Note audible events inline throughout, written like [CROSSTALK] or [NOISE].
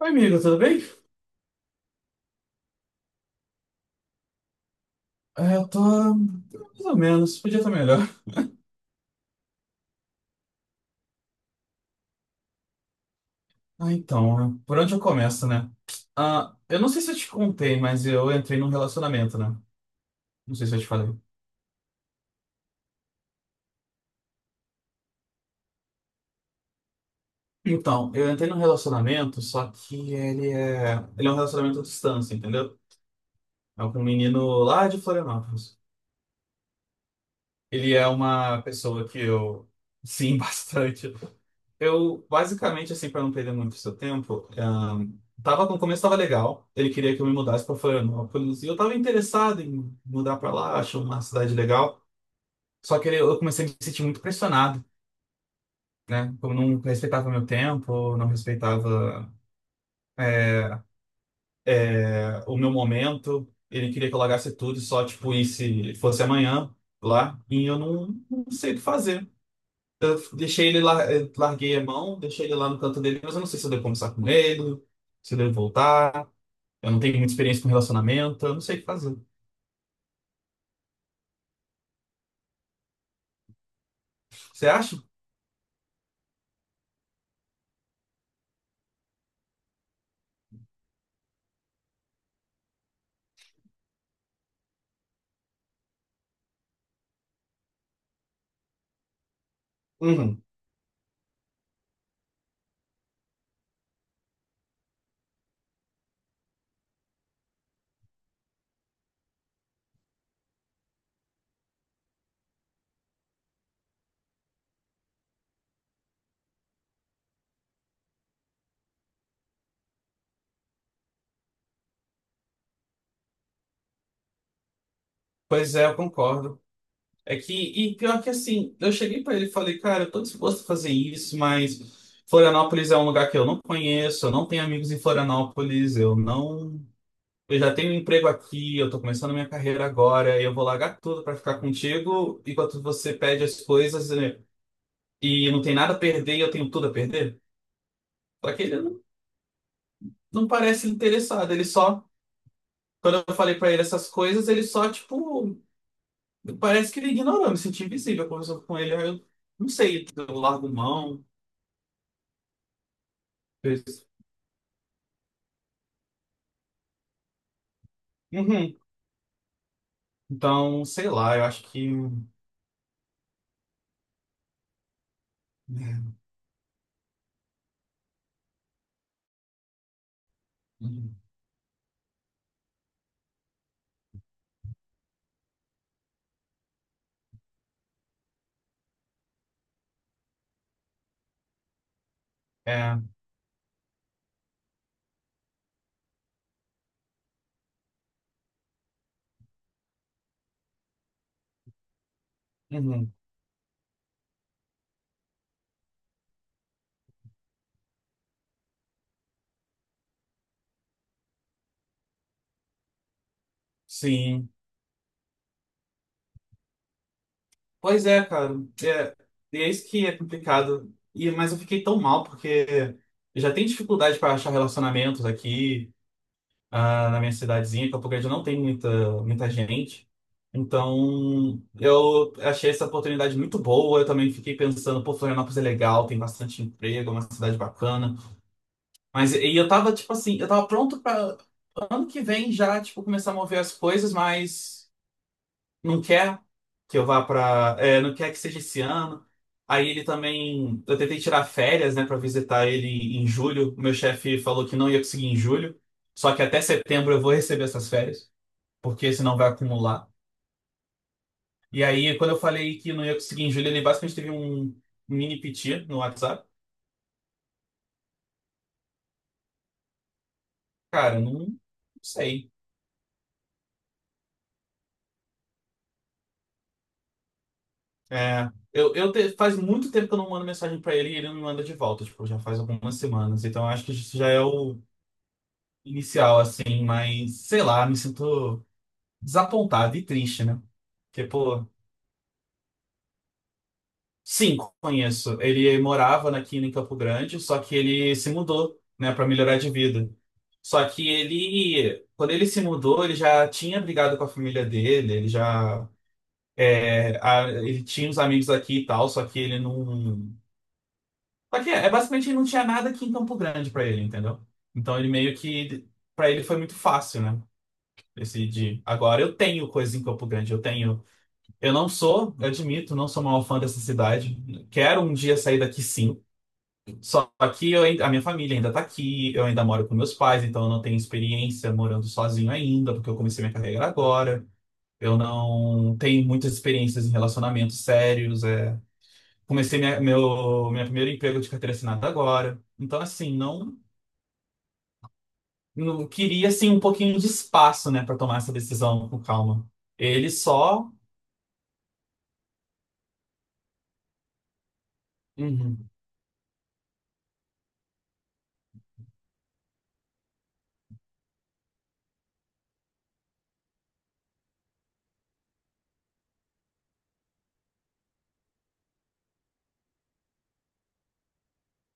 Oi, amigo, tudo bem? É, eu tô mais ou menos, podia estar melhor. Ah, então, né? Por onde eu começo, né? Ah, eu não sei se eu te contei, mas eu entrei num relacionamento, né? Não sei se eu te falei. Então, eu entrei num relacionamento, só que ele é um relacionamento à distância, entendeu? É com um menino lá de Florianópolis. Ele é uma pessoa que eu, sim, [LAUGHS] bastante. Eu, basicamente, assim, para não perder muito seu tempo, tava, no começo tava legal. Ele queria que eu me mudasse para Florianópolis. E eu tava interessado em mudar para lá, acho uma cidade legal. Só que eu comecei a me sentir muito pressionado, né? Eu não respeitava meu tempo, não respeitava, o meu momento. Ele queria que eu largasse tudo e só, tipo, se fosse amanhã lá. E eu não, não sei o que fazer. Eu deixei ele lá, larguei a mão, deixei ele lá no canto dele, mas eu não sei se eu devo conversar com ele, se eu devo voltar. Eu não tenho muita experiência com relacionamento, eu não sei o que fazer. Você acha? Uhum. Pois é, eu concordo. É que, e pior que assim, eu cheguei pra ele e falei, cara, eu tô disposto a fazer isso, mas Florianópolis é um lugar que eu não conheço, eu não tenho amigos em Florianópolis, eu não. Eu já tenho um emprego aqui, eu tô começando a minha carreira agora, e eu vou largar tudo pra ficar contigo, enquanto você pede as coisas né, e não tem nada a perder e eu tenho tudo a perder. Só que ele não, não parece interessado, ele só. Quando eu falei pra ele essas coisas, ele só, tipo, parece que ele ignorou, me senti invisível conversando com ele. Aí eu não sei, eu largo mão. fez- Uhum. Então, sei lá, eu acho que. Uhum. É, uhum. Sim. Pois é, cara. É, e é isso que é complicado. E, mas eu fiquei tão mal, porque eu já tenho dificuldade para achar relacionamentos aqui. Ah, na minha cidadezinha, Campo Grande não tem muita, muita gente. Então, eu achei essa oportunidade muito boa. Eu também fiquei pensando, pô, Florianópolis é legal, tem bastante emprego, é uma cidade bacana. Mas e eu tava, tipo assim, eu tava pronto para ano que vem já, tipo, começar a mover as coisas, mas não quer que eu vá pra. É, não quer que seja esse ano. Aí ele também. Eu tentei tirar férias, né, pra visitar ele em julho. O meu chefe falou que não ia conseguir em julho. Só que até setembro eu vou receber essas férias porque senão vai acumular. E aí, quando eu falei que não ia conseguir em julho, ele basicamente teve um mini piti no WhatsApp. Cara, não, não sei. É, faz muito tempo que eu não mando mensagem pra ele e ele não me manda de volta, tipo, já faz algumas semanas. Então, eu acho que isso já é o inicial, assim, mas sei lá, me sinto desapontado e triste, né? Porque, pô, sim, conheço. Ele morava aqui em Campo Grande, só que ele se mudou, né, para melhorar de vida. Só que ele, quando ele se mudou, ele já tinha brigado com a família dele, ele já, é, ele tinha uns amigos aqui e tal, só que ele não, só que é, basicamente ele não tinha nada aqui em Campo Grande para ele, entendeu? Então ele meio que, para ele foi muito fácil, né? Decidir. Agora eu tenho coisa em Campo Grande, eu tenho. Eu não sou, eu admito, não sou uma fã dessa cidade. Quero um dia sair daqui sim. Só que a minha família ainda tá aqui, eu ainda moro com meus pais, então eu não tenho experiência morando sozinho ainda, porque eu comecei minha carreira agora. Eu não tenho muitas experiências em relacionamentos sérios. É. Comecei meu primeiro emprego de carteira assinada agora. Então, assim, não, não queria assim, um pouquinho de espaço, né, para tomar essa decisão com calma. Ele só. Uhum.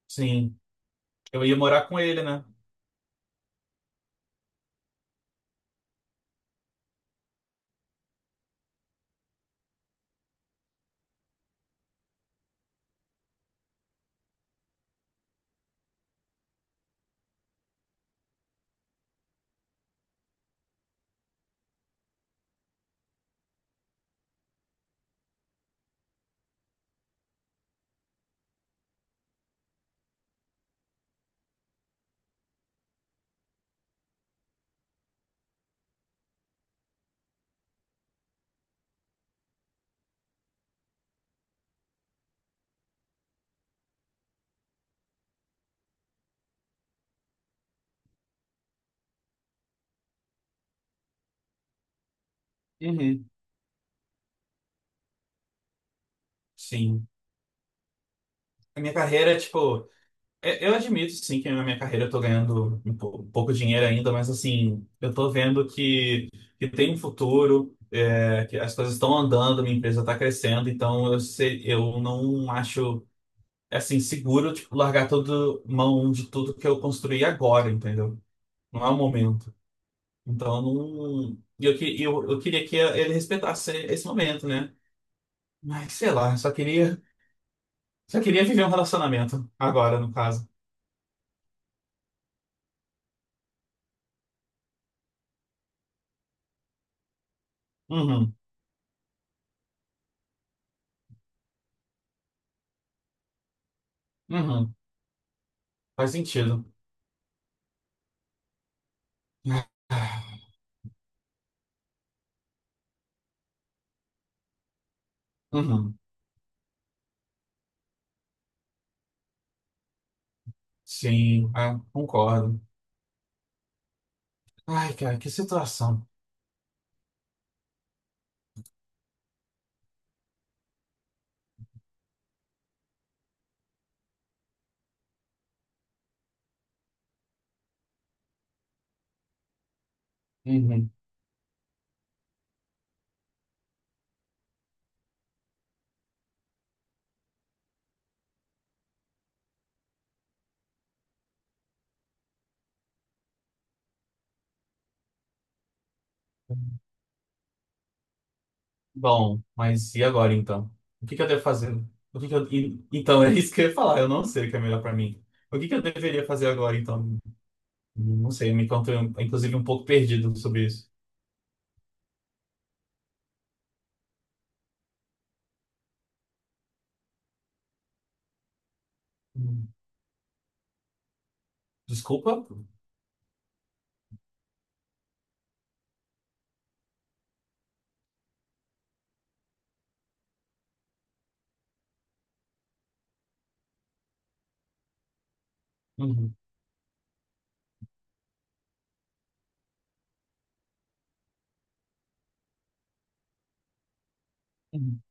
Sim, eu ia morar com ele, né? Uhum. Sim. A minha carreira, tipo. É, eu admito, sim, que na minha carreira eu tô ganhando um pouco dinheiro ainda, mas assim, eu tô vendo que tem um futuro, é, que as coisas estão andando, minha empresa tá crescendo, então eu sei, eu não acho, assim, seguro, tipo, largar todo mão de tudo que eu construí agora, entendeu? Não é o momento. Então, não... e eu queria que ele respeitasse esse momento, né? Mas, sei lá, só queria viver um relacionamento, agora, no caso. Uhum, uhum, faz sentido. Ah, uhum. Sim, ah, concordo. Ai, cara, que situação. Uhum. Bom, mas e agora então? O que que eu devo fazer? O que que então, é isso que eu ia falar. Eu não sei o que é melhor pra mim. O que que eu deveria fazer agora então? Não sei, me encontrei, inclusive, um pouco perdido sobre isso. Uhum. Desculpa? Uhum. Uhum.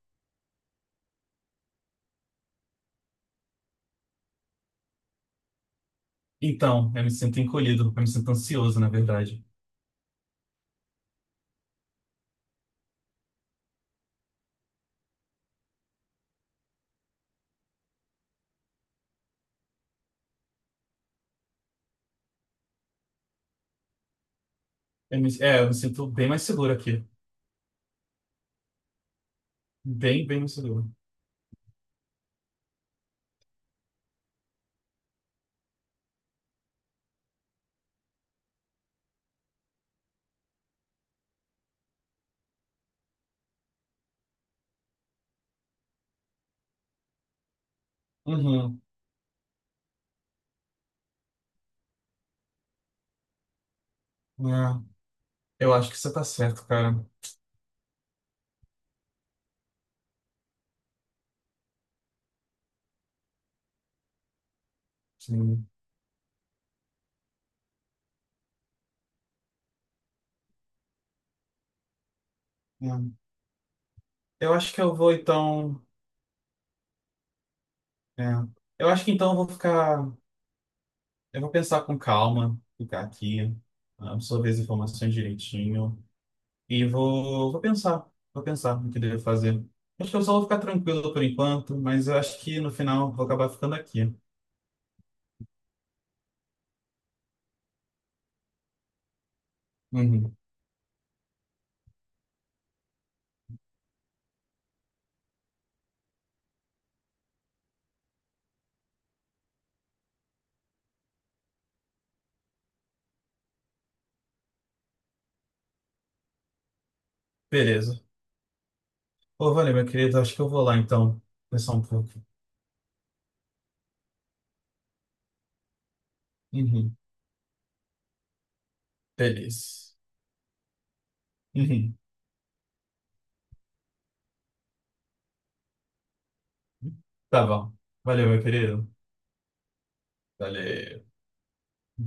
Então, eu me sinto encolhido. Eu me sinto ansioso, na verdade. É, eu me sinto bem mais seguro aqui. Bem, bem mais seguro. Uhum. É. Eu acho que você tá certo, cara. Sim. É. Eu acho que eu vou então. É. Eu acho que então eu vou ficar. Eu vou pensar com calma, ficar aqui, ah, absorver as informações direitinho. E vou pensar. Vou pensar no que devo fazer. Acho que eu só vou ficar tranquilo por enquanto, mas eu acho que no final eu vou acabar ficando aqui. Uhum. Beleza. Ô, valeu, meu querido. Acho que eu vou lá então. Pensar um pouco. Uhum. Beleza. Uhum. Tá bom. Valeu, meu querido. Valeu.